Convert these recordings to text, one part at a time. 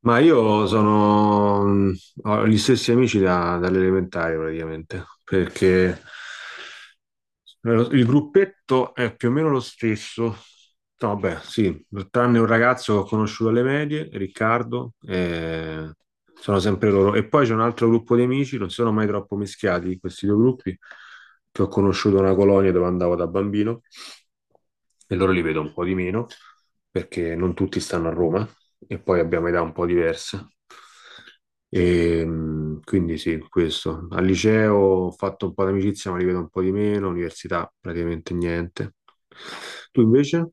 Ma io sono, ho gli stessi amici dall'elementare praticamente, perché il gruppetto è più o meno lo stesso. No, vabbè, sì, tranne un ragazzo che ho conosciuto alle medie, Riccardo, sono sempre loro. E poi c'è un altro gruppo di amici, non sono mai troppo mischiati questi due gruppi, che ho conosciuto a una colonia dove andavo da bambino e loro li vedo un po' di meno perché non tutti stanno a Roma e poi abbiamo età un po' diverse. Quindi sì, questo. Al liceo ho fatto un po' di amicizia, ma li vedo un po' di meno, università praticamente niente. Tu invece?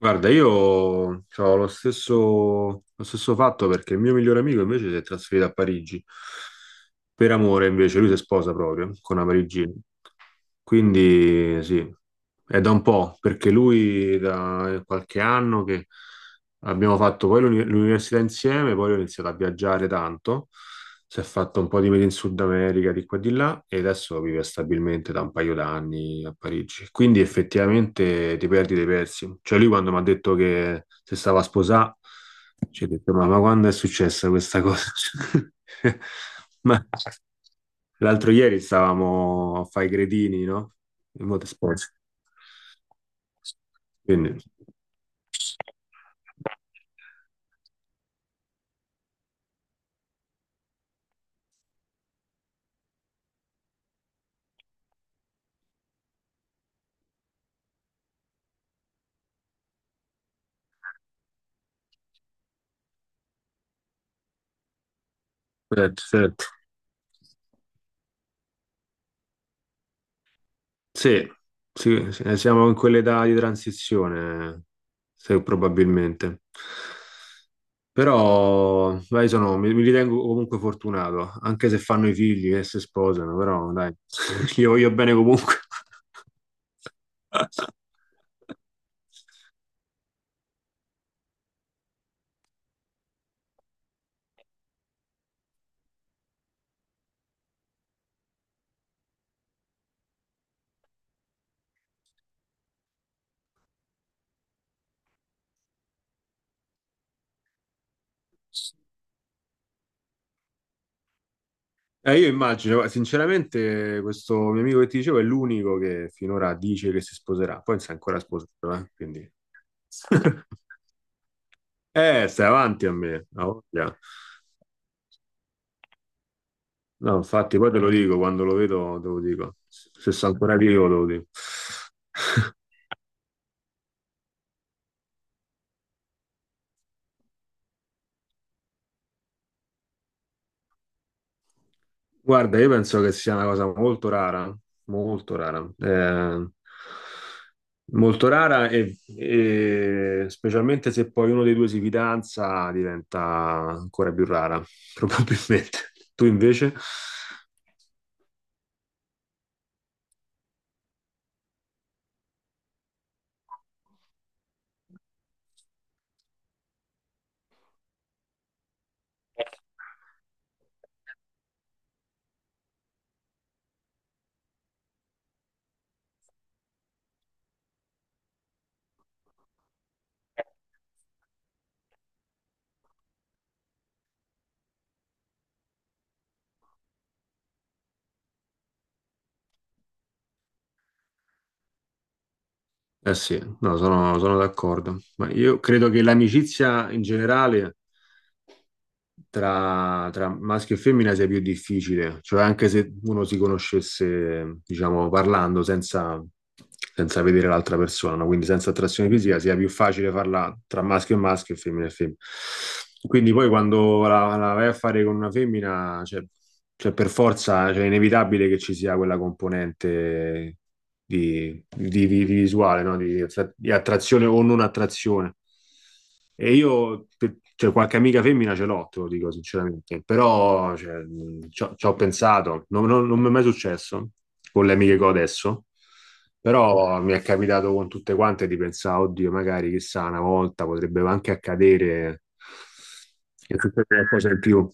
Guarda, io ho lo stesso fatto perché il mio migliore amico invece si è trasferito a Parigi per amore, invece lui si sposa proprio con una parigina. Quindi sì, è da un po', perché lui da qualche anno che abbiamo fatto poi l'università insieme, poi ho iniziato a viaggiare tanto, si è fatto un po' di mete in Sud America, di qua e di là, e adesso vive stabilmente da un paio d'anni a Parigi. Quindi effettivamente ti perdi dei pezzi. Cioè lui quando mi ha detto che si stava a sposare, ci ho detto, ma quando è successa questa cosa? Ma l'altro ieri stavamo a fare i gredini, no? In motorsport. Quindi, certo, certo. Sì, sì, siamo in quell'età di transizione, probabilmente. Però, dai, mi ritengo comunque fortunato, anche se fanno i figli e si sposano, però, dai, li voglio bene comunque. Io immagino, guarda, sinceramente, questo mio amico che ti dicevo è l'unico che finora dice che si sposerà. Poi non si è ancora sposato, quindi... stai avanti a me, ha voglia. No, infatti, poi te lo dico, quando lo vedo te lo dico. Se sto ancora vivo te lo dico. Guarda, io penso che sia una cosa molto rara, molto rara, molto rara e specialmente se poi uno dei due si fidanza diventa ancora più rara, probabilmente. Tu invece? Eh sì, no, sono d'accordo, ma io credo che l'amicizia in generale tra maschio e femmina sia più difficile, cioè anche se uno si conoscesse, diciamo, parlando senza, senza vedere l'altra persona, no? Quindi senza attrazione fisica, sia più facile farla tra maschio e maschio e femmina e femmina. Quindi poi quando la vai a fare con una femmina, cioè, cioè per forza, cioè è inevitabile che ci sia quella componente di visuale, no? Di, di attrazione o non attrazione. Cioè, qualche amica femmina ce l'ho, te lo dico sinceramente, però cioè, ci ho pensato, non mi è mai successo con le amiche che ho adesso, però mi è capitato con tutte quante di pensare, oddio, magari chissà, una volta potrebbe anche accadere che succede qualcosa in più.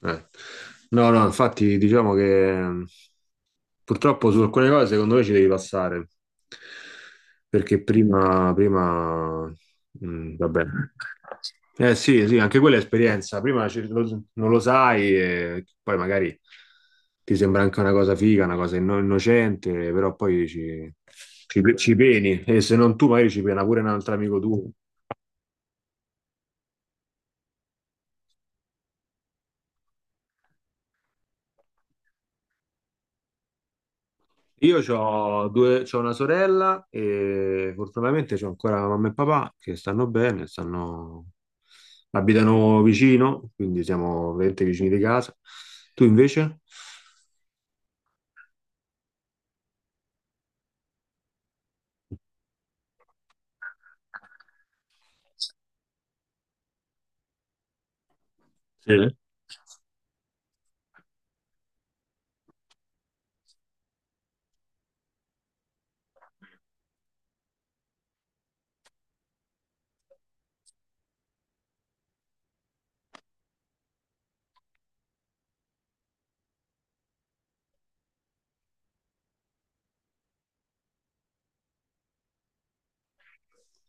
Eh. Eh. No, no, infatti diciamo che purtroppo su alcune cose secondo me ci devi passare, perché prima vabbè. Eh sì, sì, anche quella è esperienza, prima non lo sai e poi magari ti sembra anche una cosa figa, una cosa innocente, però poi ci peni e se non tu magari ci pena pure un altro amico tuo. Io ho due, c'ho una sorella e fortunatamente c'ho ancora mamma e papà che stanno bene, abitano vicino, quindi siamo veramente vicini di casa. Tu invece? Sì.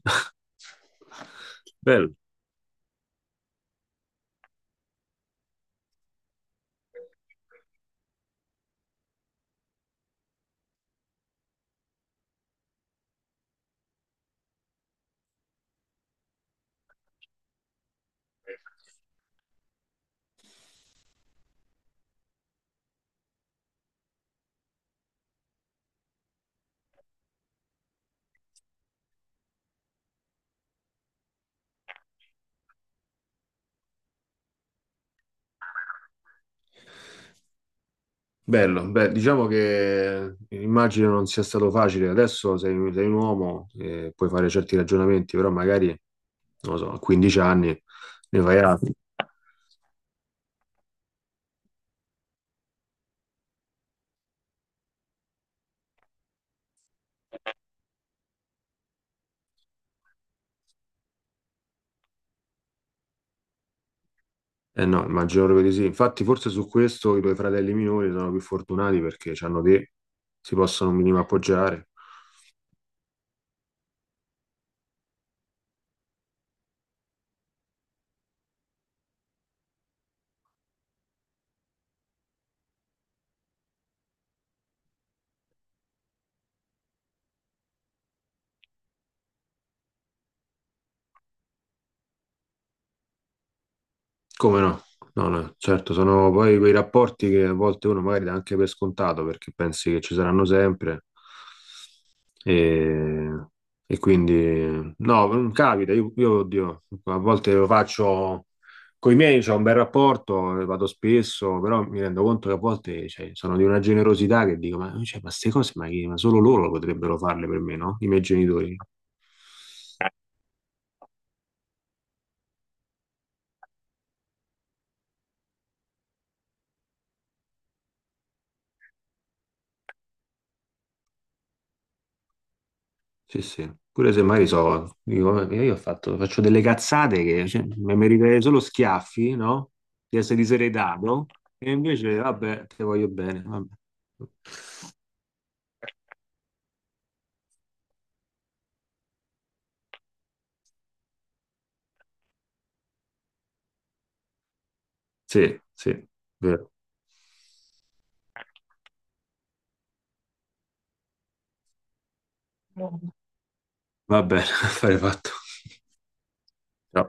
Bello. Bello, beh, diciamo che immagino non sia stato facile. Adesso sei un uomo e puoi fare certi ragionamenti, però magari, non lo so, a 15 anni ne fai altri. Eh no, immagino proprio di sì. Infatti, forse su questo i tuoi fratelli minori sono più fortunati perché hanno te, si possono un minimo appoggiare. Come no? No, no, certo, sono poi quei rapporti che a volte uno magari dà anche per scontato perché pensi che ci saranno sempre e, e quindi no, non capita, io, oddio, a volte lo faccio con i miei, c'ho un bel rapporto, vado spesso, però mi rendo conto che a volte cioè, sono di una generosità che dico, ma cioè, ma queste cose ma, ma solo loro potrebbero farle per me, no? I miei genitori. Sì, sì. Pure se magari so, dico, io faccio delle cazzate che cioè, mi meriterei solo schiaffi, no? Di essere diseredato, e invece, vabbè, te voglio bene. Vabbè. Sì, sì, vero. Va bene, affare fatto. Ciao.